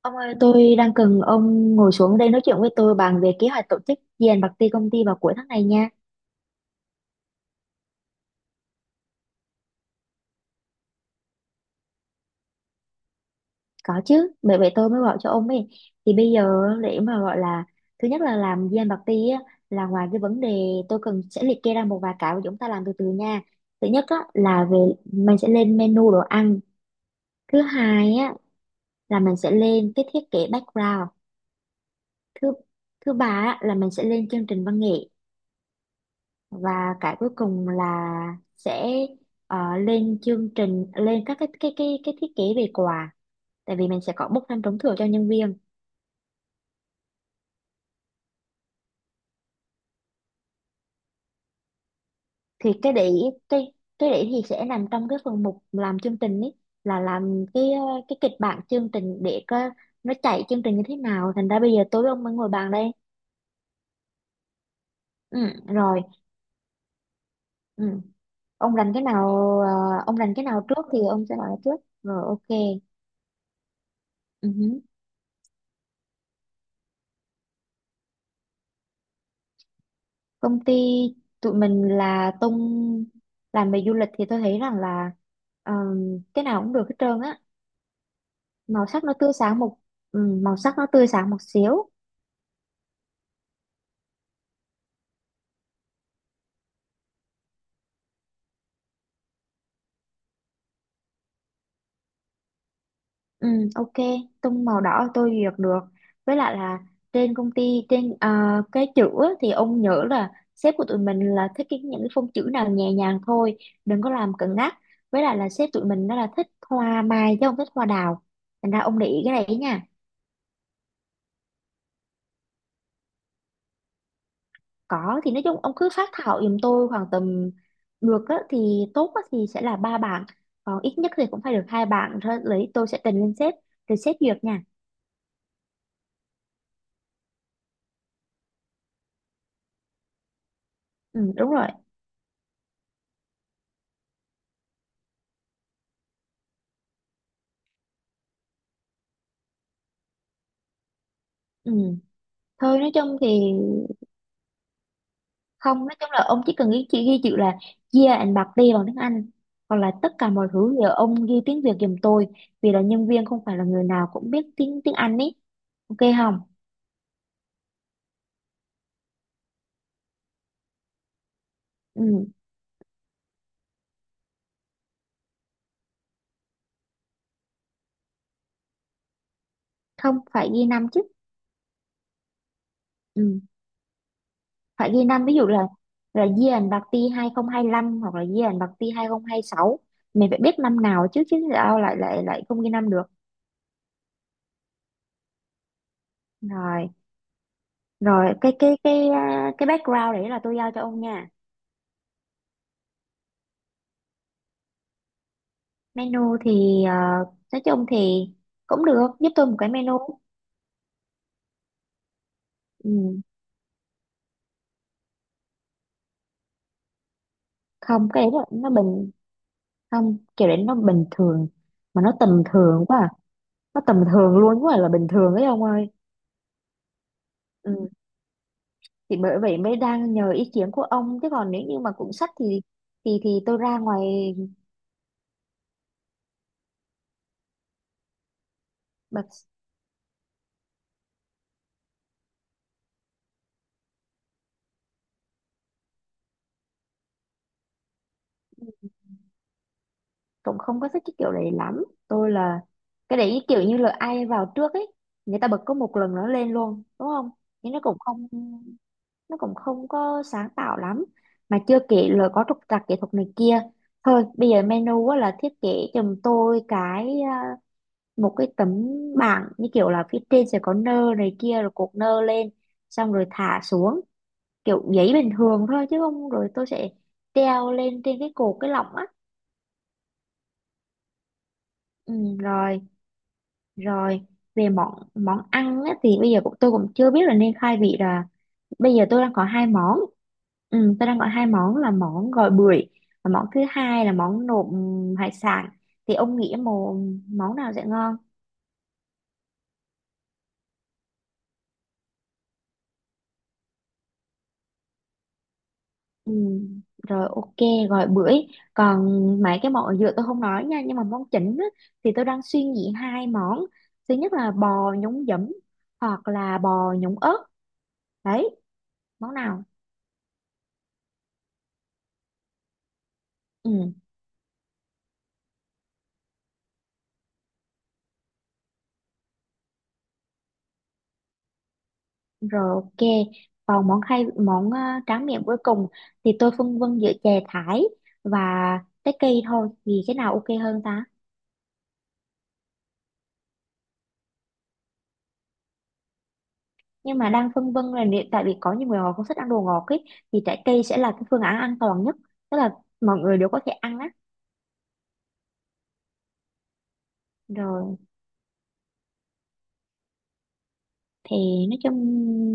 Ông ơi, tôi đang cần ông ngồi xuống đây nói chuyện với tôi bàn về kế hoạch tổ chức dàn bạc ti công ty vào cuối tháng này nha. Có chứ, bởi vậy tôi mới gọi cho ông ấy. Thì bây giờ để mà gọi là thứ nhất là làm dàn bạc ti á là ngoài cái vấn đề tôi cần sẽ liệt kê ra một vài cái mà chúng ta làm từ từ nha. Thứ nhất á là về mình sẽ lên menu đồ ăn. Thứ hai á là mình sẽ lên cái thiết kế background. Thứ thứ ba á, là mình sẽ lên chương trình văn nghệ. Và cái cuối cùng là sẽ lên chương trình lên các cái thiết kế về quà, tại vì mình sẽ có bốc thăm trúng thưởng cho nhân viên. Thì cái cái đấy thì sẽ nằm trong cái phần mục làm chương trình ấy, là làm cái kịch bản chương trình để có nó chạy chương trình như thế nào, thành ra bây giờ tối ông mới ngồi bàn đây. Ừ, rồi. Ừ. Ông rành cái nào ờ, ông rành cái nào trước thì ông sẽ nói trước rồi, ok. Ừ. Công ty tụi mình là tung làm về du lịch, thì tôi thấy rằng là ờm, cái nào cũng được hết trơn á, màu sắc nó tươi sáng một màu sắc nó tươi sáng một xíu. Ừ, ok, tung màu đỏ tôi duyệt được. Với lại là trên công ty trên cái chữ á, thì ông nhớ là sếp của tụi mình là thích cái những cái phông chữ nào nhẹ nhàng thôi, đừng có làm cứng nhắc. Với lại là sếp tụi mình nó là thích hoa mai chứ không thích hoa đào, thành ra ông để ý cái này ấy nha. Có thì nói chung ông cứ phát thảo giùm tôi khoảng tầm, được á, thì tốt á, thì sẽ là ba bảng, còn ít nhất thì cũng phải được hai bảng thôi lấy, tôi sẽ trình lên sếp rồi sếp duyệt nha. Ừ, đúng rồi. Ừ. Thôi nói chung thì không, nói chung là ông chỉ cần ghi, chỉ ghi chữ là year and birthday bằng tiếng Anh, còn là tất cả mọi thứ giờ ông ghi tiếng Việt giùm tôi, vì là nhân viên không phải là người nào cũng biết tiếng tiếng Anh ấy, ok không. Ừ. Không, phải ghi năm chứ. Ừ. Phải ghi năm, ví dụ là year bạc ti 2025 hoặc là year bạc ti 2026, mình phải biết năm nào chứ, chứ sao lại lại lại không ghi năm được. Rồi. Rồi cái cái background đấy là tôi giao cho ông nha. Menu thì nói chung thì cũng được, giúp tôi một cái menu. Ừ. Không cái đấy là- nó bình, không kiểu đấy nó bình thường mà nó tầm thường quá à. Nó tầm thường luôn quá à, là bình thường ấy ông ơi. Ừ. Thì bởi vậy mới đang nhờ ý kiến của ông chứ, còn nếu như mà cuốn sách thì thì tôi ra ngoài mà, cũng không có thích cái kiểu đấy lắm tôi là. Cái đấy kiểu như là ai vào trước ấy, người ta bật có một lần nó lên luôn đúng không, nhưng nó cũng không, nó cũng không có sáng tạo lắm, mà chưa kể là có trục trặc kỹ thuật này kia. Thôi bây giờ menu á là thiết kế giùm tôi một cái tấm bảng, như kiểu là phía trên sẽ có nơ này kia rồi cột nơ lên, xong rồi thả xuống, kiểu giấy bình thường thôi chứ không, rồi tôi sẽ treo lên trên cái cột cái lọng á. Ừ, rồi. Rồi về món món ăn á, thì bây giờ cũng tôi cũng chưa biết là nên khai vị là, bây giờ tôi đang có hai món. Ừ, tôi đang có hai món là món gỏi bưởi và món thứ hai là món nộm hải sản, thì ông nghĩ một món nào sẽ ngon. Ừ, rồi ok, gọi bưởi. Còn mấy cái món ở dừa tôi không nói nha, nhưng mà món chính á, thì tôi đang suy nghĩ hai món, thứ nhất là bò nhúng giấm hoặc là bò nhúng ớt, đấy, món nào. Ừ, rồi ok. Còn món khai tráng miệng cuối cùng thì tôi phân vân giữa chè thái và trái cây thôi, thì cái nào ok hơn ta. Nhưng mà đang phân vân là nếu- tại vì có nhiều người họ không thích ăn đồ ngọt ấy, thì trái cây sẽ là cái phương án an toàn nhất, tức là mọi người đều có thể ăn á. Rồi thì nói chung,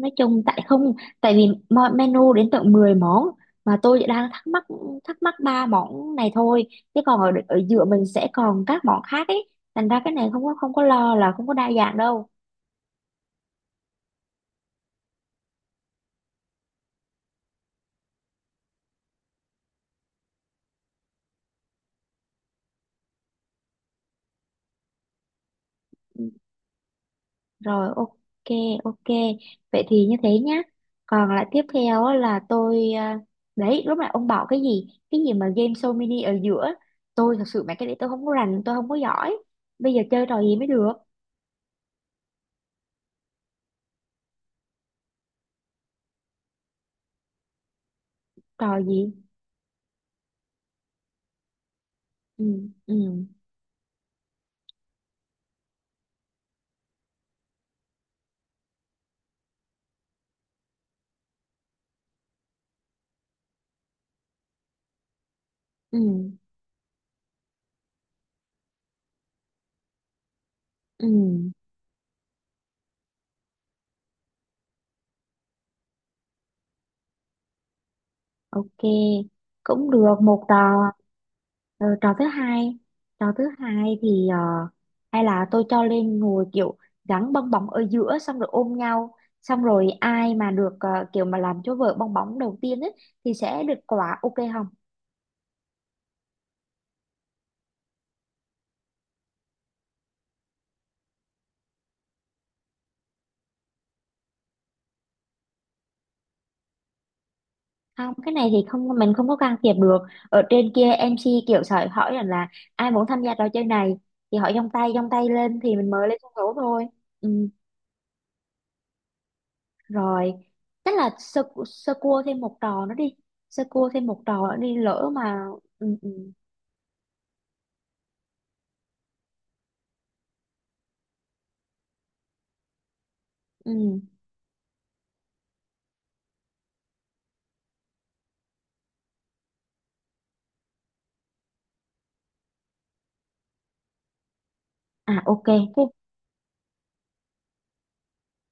nói chung tại không, tại vì menu đến tận 10 món, mà tôi đang thắc mắc, thắc mắc ba món này thôi, chứ còn ở giữa mình sẽ còn các món khác ấy, thành ra cái này không có, không có lo là không có đa dạng đâu. Ừ, rồi ok, ok, vậy thì như thế nhá. Còn lại tiếp theo á là đấy lúc nãy ông bảo cái gì, cái gì mà game show mini ở giữa, tôi thật sự mấy cái đấy tôi không có rành, tôi không có giỏi, bây giờ chơi trò gì mới được. Trò gì. Ừ. Ừ. Ừ. Ừ. Ok, cũng được một trò. Ờ, Trò thứ hai, trò thứ hai thì hay là tôi cho lên ngồi kiểu gắn bong bóng ở giữa xong rồi ôm nhau, xong rồi ai mà được kiểu mà làm cho vợ bong bóng đầu tiên ấy thì sẽ được quả, ok không. Không cái này thì không, mình không có can thiệp được, ở trên kia MC kiểu sợi hỏi rằng là ai muốn tham gia trò chơi này thì họ giông tay lên thì mình mới lên sân khấu thôi. Ừ. Rồi. Chắc là sơ, sơ cua thêm một trò nữa đi, sơ cua thêm một trò nữa đi lỡ mà. Ừ, ừ. Ừ. À ok cái.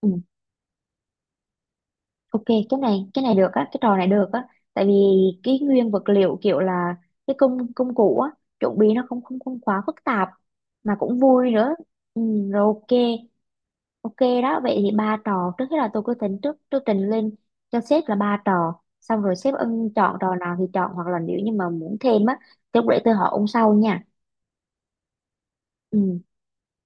Ừ, ok, cái này, cái này được á, cái trò này được á, tại vì cái nguyên vật liệu kiểu là cái công công cụ á, chuẩn bị nó không không không quá phức tạp, mà cũng vui nữa. Ừ, rồi ok. Ok, đó, vậy thì ba trò, trước hết là tôi cứ tính trước, tôi trình lên cho sếp là ba trò, xong rồi sếp ưng chọn trò nào thì chọn, hoặc là nếu như mà muốn thêm á, thì lúc để tôi hỏi ông sau nha. Ừ.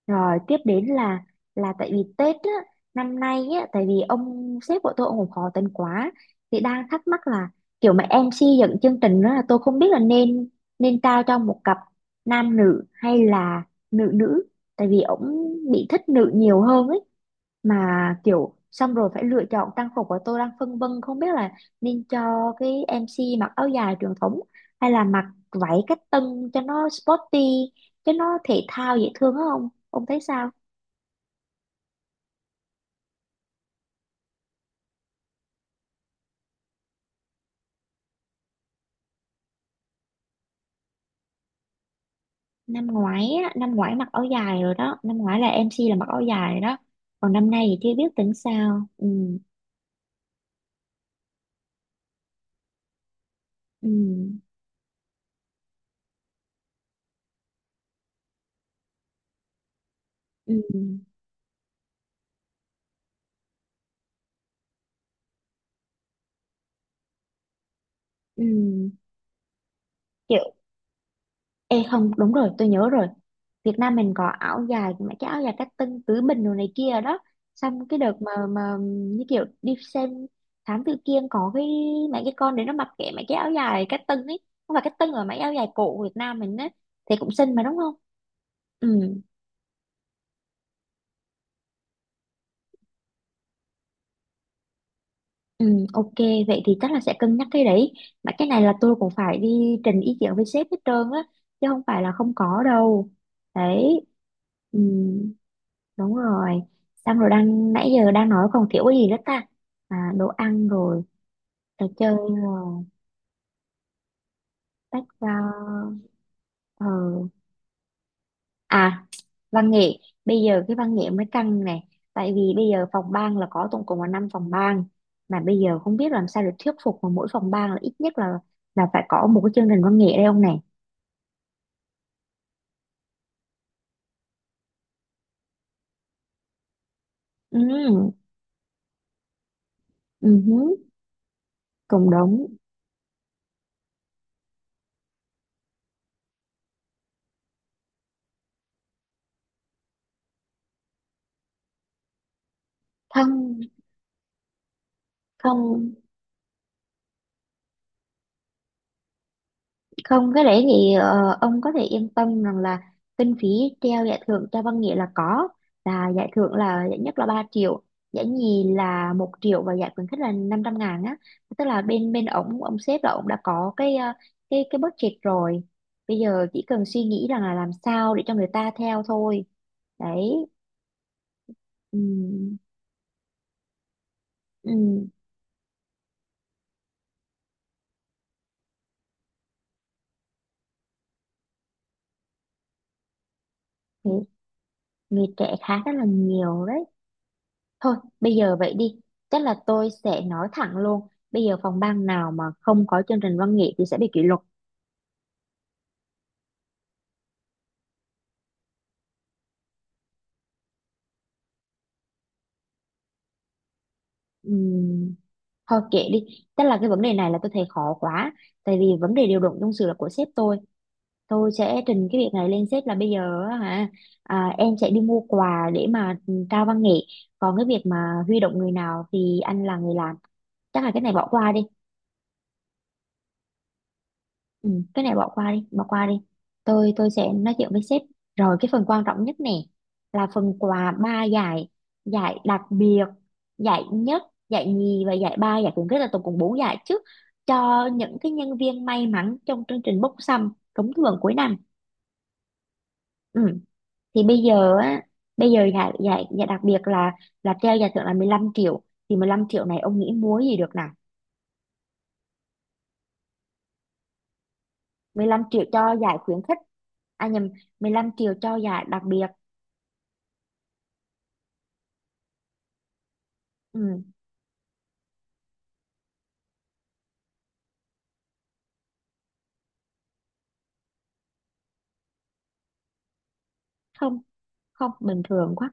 Rồi tiếp đến là tại vì Tết á, năm nay á, tại vì ông sếp của tôi ông cũng khó tính quá, thì đang thắc mắc là kiểu mà MC dẫn chương trình đó là tôi không biết là nên, nên trao cho một cặp nam nữ hay là nữ nữ, tại vì ông bị thích nữ nhiều hơn ấy, mà kiểu xong rồi phải lựa chọn trang phục, của tôi đang phân vân không biết là nên cho cái MC mặc áo dài truyền thống hay là mặc váy cách tân cho nó sporty, cái nó thể thao dễ thương á, ông thấy sao. Năm ngoái á, năm ngoái mặc áo dài rồi đó, năm ngoái là MC là mặc áo dài rồi đó, còn năm nay thì chưa biết tính sao. Ừ. Ừ. Ừ. Ừ. Kiểu. Ê không, đúng rồi, tôi nhớ rồi. Việt Nam mình có áo dài mà cái áo dài cách tân tứ bình đồ này kia đó. Xong cái đợt mà như kiểu đi xem Thám Tử Kiên có cái mấy cái con đấy nó mặc kệ mấy cái áo dài cách tân ấy. Không phải cách tân mà mấy áo dài cổ Việt Nam mình ấy. Thì cũng xinh mà đúng không? Ừ, ừ, ok, vậy thì chắc là sẽ cân nhắc cái đấy. Mà cái này là tôi cũng phải đi trình ý kiến với sếp hết trơn á, chứ không phải là không có đâu. Đấy. Ừ. Đúng rồi. Xong rồi đang nãy giờ đang nói còn thiếu cái gì nữa ta? À, đồ ăn rồi, trò chơi rồi, sách ờ. À. Văn nghệ. Bây giờ cái văn nghệ mới căng này, tại vì bây giờ phòng ban là có tổng cộng là 5 phòng ban, mà bây giờ không biết làm sao để thuyết phục mà mỗi phòng ban là ít nhất là phải có một cái chương trình văn nghệ đây ông này. Ừ, ừ, hứ, cũng đúng. Không, không. Không, cái đấy thì ông có thể yên tâm rằng là kinh phí treo giải thưởng cho văn nghệ là có, là giải thưởng là giải nhất là 3 triệu, giải nhì là 1 triệu và giải khuyến khích là 500 ngàn á, tức là bên bên ổng, ông sếp là ổng đã có cái budget rồi, bây giờ chỉ cần suy nghĩ rằng là làm sao để cho người ta theo thôi, đấy. Ừ, ừ. Thì người trẻ khá rất là nhiều đấy. Thôi, bây giờ vậy đi. Chắc là tôi sẽ nói thẳng luôn. Bây giờ phòng ban nào mà không có chương trình văn nghệ thì sẽ bị kỷ luật. Ừm, thôi kệ đi. Tức là cái vấn đề này là tôi thấy khó quá. Tại vì vấn đề điều động nhân sự là của sếp tôi. Tôi sẽ trình cái việc này lên sếp là bây giờ á hả, em sẽ đi mua quà để mà trao văn nghệ. Còn cái việc mà huy động người nào thì anh là người làm. Chắc là cái này bỏ qua đi. Ừ, cái này bỏ qua đi, bỏ qua đi. Tôi sẽ nói chuyện với sếp. Rồi cái phần quan trọng nhất nè là phần quà ba giải, giải đặc biệt, giải nhất, giải nhì và giải ba, giải khuyến khích là tổng cộng bốn giải chứ, cho những cái nhân viên may mắn trong chương trình bốc thăm trúng thưởng cuối năm. Ừ. Thì bây giờ á, bây giờ giải giải giải đặc biệt là treo giải thưởng là 15 triệu. Thì 15 triệu này ông nghĩ múa gì được nào? Mười lăm triệu cho giải khuyến khích. À nhầm, 15 triệu cho giải đặc biệt. Ừ. Không, không, bình thường quá.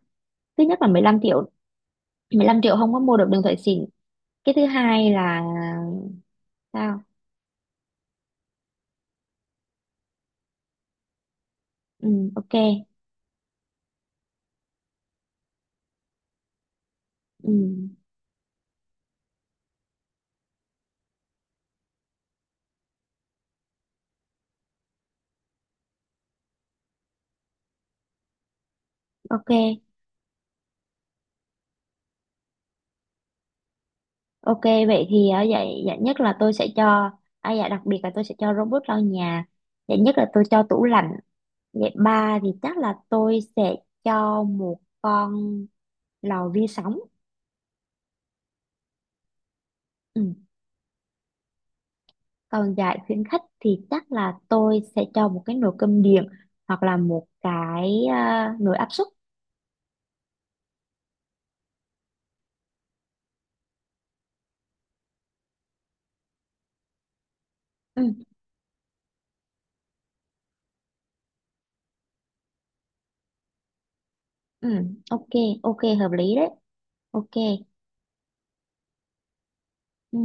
Thứ nhất là 15 triệu, 15 triệu không có mua được đường thủy xịn. Cái thứ hai là sao. Ừ, ok. Ừ, ok, ok, vậy thì ở vậy dạ nhất là tôi sẽ cho, à dạ đặc biệt là tôi sẽ cho robot lau nhà, dạ nhất là tôi cho tủ lạnh, dạ ba thì chắc là tôi sẽ cho một con lò vi sóng. Ừ. Còn giải khuyến khích thì chắc là tôi sẽ cho một cái nồi cơm điện hoặc là nồi áp suất. Ừ. Ừ, ok, ok, hợp lý đấy. Ok, ừ.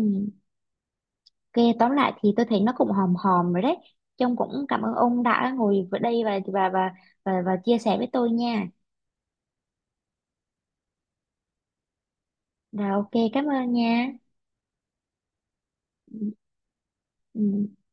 Ok, tóm lại thì tôi thấy nó cũng hòm hòm rồi đấy. Trông cũng cảm ơn ông đã ngồi ở đây và chia sẻ với tôi nha. Rồi ok, cảm ơn nha. Ừ. Ừ.